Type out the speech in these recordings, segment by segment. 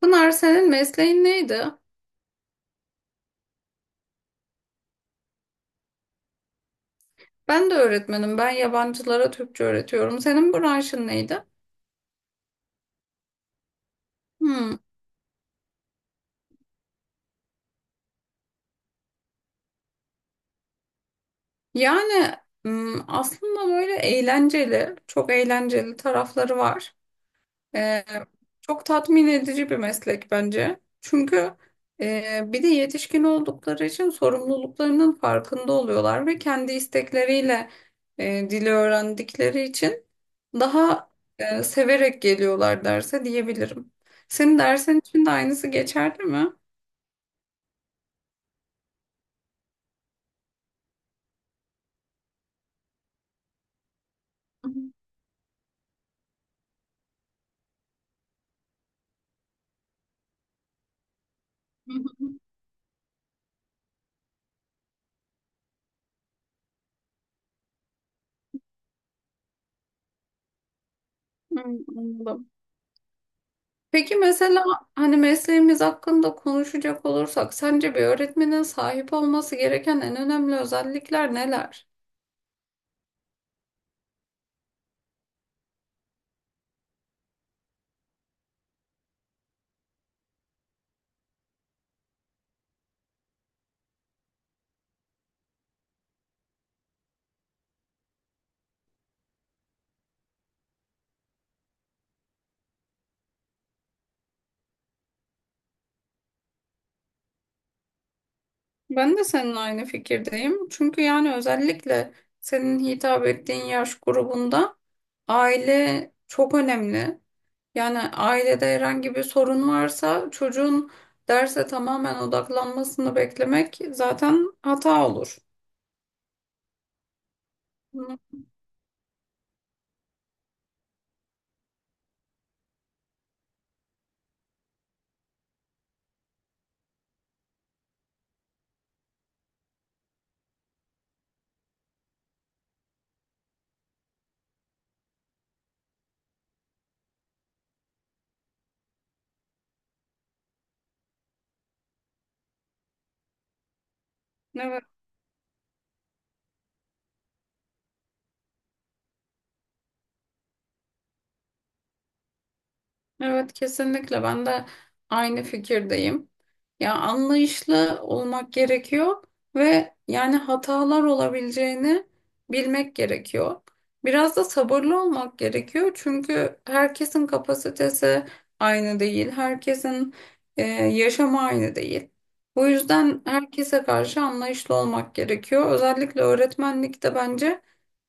Pınar senin mesleğin neydi? Ben de öğretmenim. Ben yabancılara Türkçe öğretiyorum. Senin branşın neydi? Hmm. Yani Aslında böyle eğlenceli, çok eğlenceli tarafları var. Ee, Çok tatmin edici bir meslek bence. Çünkü bir de yetişkin oldukları için sorumluluklarının farkında oluyorlar ve kendi istekleriyle dili öğrendikleri için daha severek geliyorlar derse diyebilirim. Senin dersin için de aynısı geçerli mi? Hmm, Anladım. Peki mesela hani mesleğimiz hakkında konuşacak olursak sence bir öğretmenin sahip olması gereken en önemli özellikler neler? Ben de seninle aynı fikirdeyim. Çünkü yani özellikle senin hitap ettiğin yaş grubunda aile çok önemli. Yani ailede herhangi bir sorun varsa çocuğun derse tamamen odaklanmasını beklemek zaten hata olur. Hı. Evet. Evet, kesinlikle ben de aynı fikirdeyim. Ya anlayışlı olmak gerekiyor ve yani hatalar olabileceğini bilmek gerekiyor. Biraz da sabırlı olmak gerekiyor çünkü herkesin kapasitesi aynı değil, herkesin yaşamı aynı değil. Bu yüzden herkese karşı anlayışlı olmak gerekiyor. Özellikle öğretmenlikte bence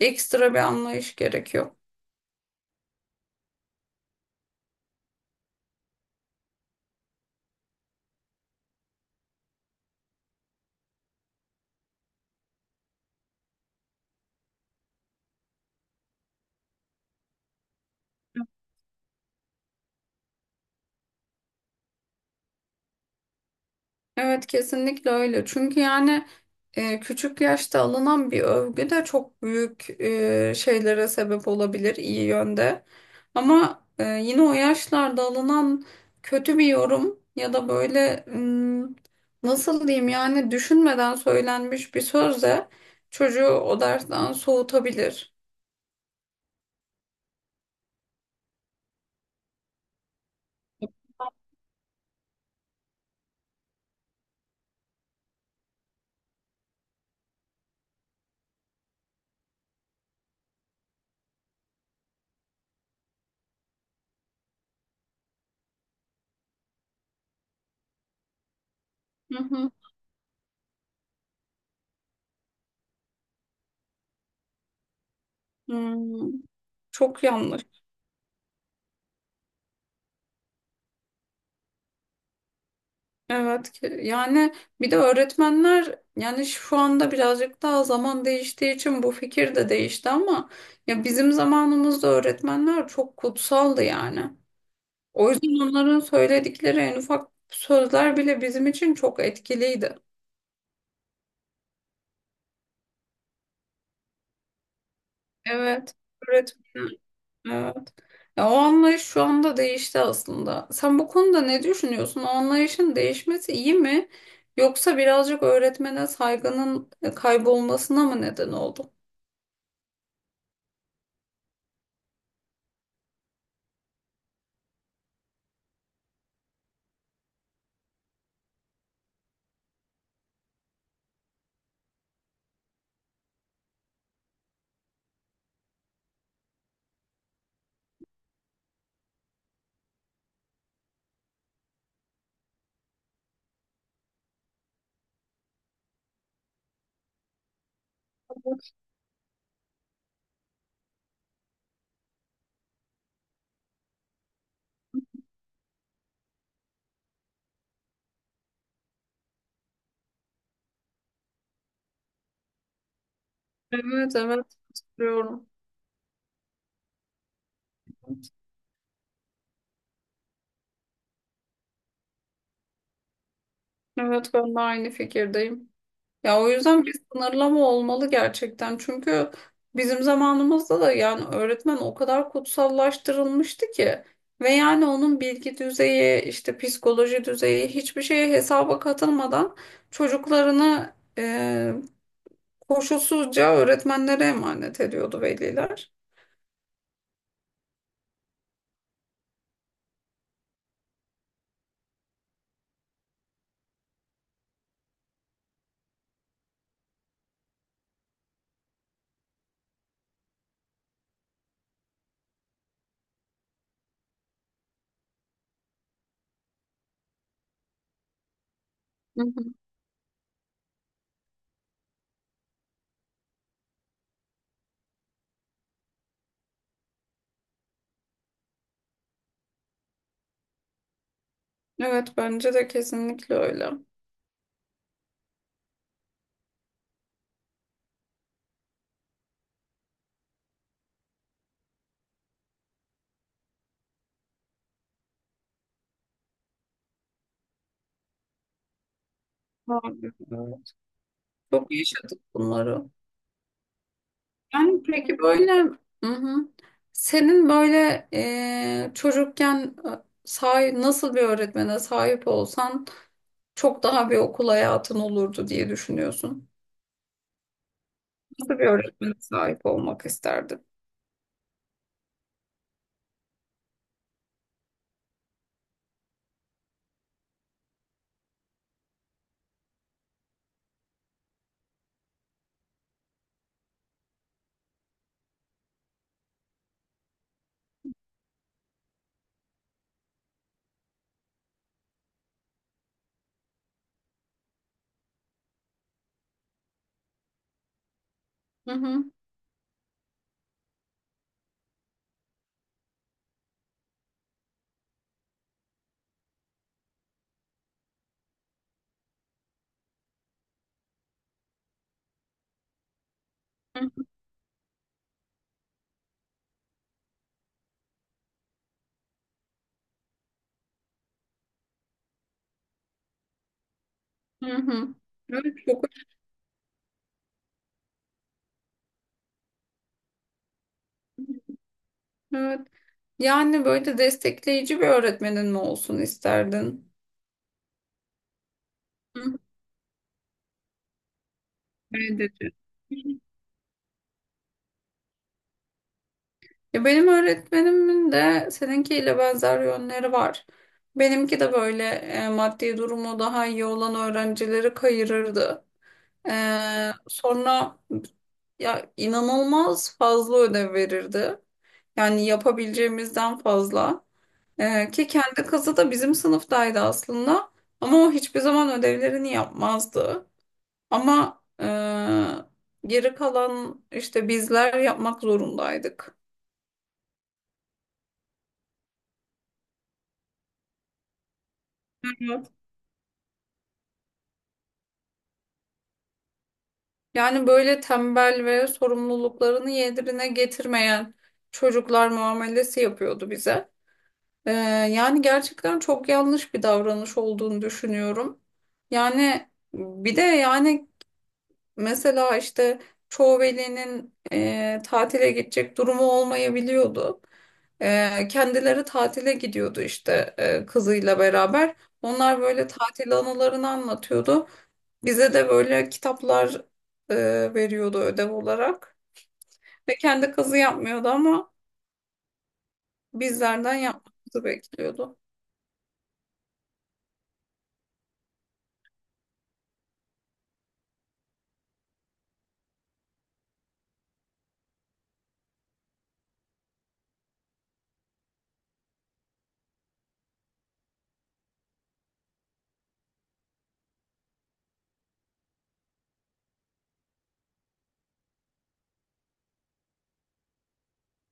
ekstra bir anlayış gerekiyor. Evet kesinlikle öyle. Çünkü yani küçük yaşta alınan bir övgü de çok büyük şeylere sebep olabilir iyi yönde. Ama yine o yaşlarda alınan kötü bir yorum ya da böyle nasıl diyeyim yani düşünmeden söylenmiş bir söz de çocuğu o dersten soğutabilir. Hı hı. Hmm, Çok yanlış. Yani bir de öğretmenler yani şu anda birazcık daha zaman değiştiği için bu fikir de değişti ama ya bizim zamanımızda öğretmenler çok kutsaldı yani. O yüzden onların söyledikleri en ufak sözler bile bizim için çok etkiliydi. Evet, öğretmen. Evet. Ya o anlayış şu anda değişti aslında. Sen bu konuda ne düşünüyorsun? O anlayışın değişmesi iyi mi? Yoksa birazcık öğretmene saygının kaybolmasına mı neden oldu? Evet, evet, katılıyorum. Evet ben de aynı fikirdeyim. Ya o yüzden bir sınırlama olmalı gerçekten. Çünkü bizim zamanımızda da yani öğretmen o kadar kutsallaştırılmıştı ki ve yani onun bilgi düzeyi, işte psikoloji düzeyi hiçbir şeye hesaba katılmadan çocuklarını koşulsuzca öğretmenlere emanet ediyordu veliler. Hı hı. Evet bence de kesinlikle öyle. Abi, evet. Çok yaşadık bunları. Yani peki böyle, hı hı. Senin böyle çocukken, nasıl bir öğretmene sahip olsan çok daha bir okul hayatın olurdu diye düşünüyorsun. Nasıl bir öğretmene sahip olmak isterdin? Hı hı. Hı hı. Hı. Evet, çok önemli. Evet. Yani böyle destekleyici bir öğretmenin mi olsun isterdin? Hı. Evet. Ya benim öğretmenimin de seninkiyle benzer yönleri var. Benimki de böyle maddi durumu daha iyi olan öğrencileri kayırırdı. Sonra ya inanılmaz fazla ödev verirdi. Yani yapabileceğimizden fazla. Ki kendi kızı da bizim sınıftaydı aslında. Ama o hiçbir zaman ödevlerini yapmazdı. Ama geri kalan işte bizler yapmak zorundaydık. Yani böyle tembel ve sorumluluklarını yerine getirmeyen çocuklar muamelesi yapıyordu bize. Ee, Yani gerçekten çok yanlış bir davranış olduğunu düşünüyorum. Yani bir de yani mesela işte çoğu velinin tatile gidecek durumu olmayabiliyordu. Kendileri tatile gidiyordu işte kızıyla beraber. Onlar böyle tatil anılarını anlatıyordu. Bize de böyle kitaplar e, veriyordu ödev olarak. Ve kendi kazı yapmıyordu ama bizlerden yapmamızı bekliyordu.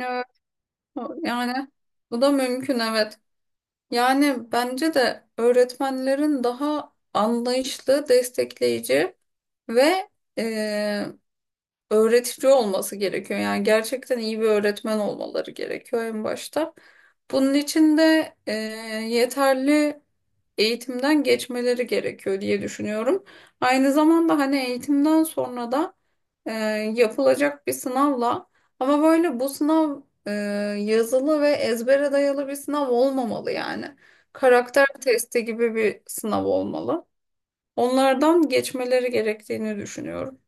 Evet, yani bu da mümkün, evet. Yani bence de öğretmenlerin daha anlayışlı, destekleyici ve e, öğretici olması gerekiyor. Yani gerçekten iyi bir öğretmen olmaları gerekiyor en başta. Bunun için de yeterli eğitimden geçmeleri gerekiyor diye düşünüyorum. Aynı zamanda hani eğitimden sonra da e, yapılacak bir sınavla, ama böyle bu sınav e, yazılı ve ezbere dayalı bir sınav olmamalı yani. Karakter testi gibi bir sınav olmalı. Onlardan geçmeleri gerektiğini düşünüyorum.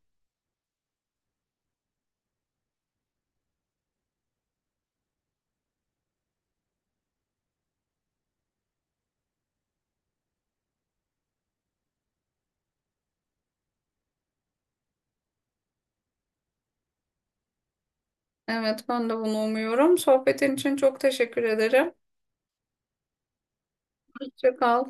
Evet, ben de bunu umuyorum. Sohbetin için çok teşekkür ederim. Hoşça kal.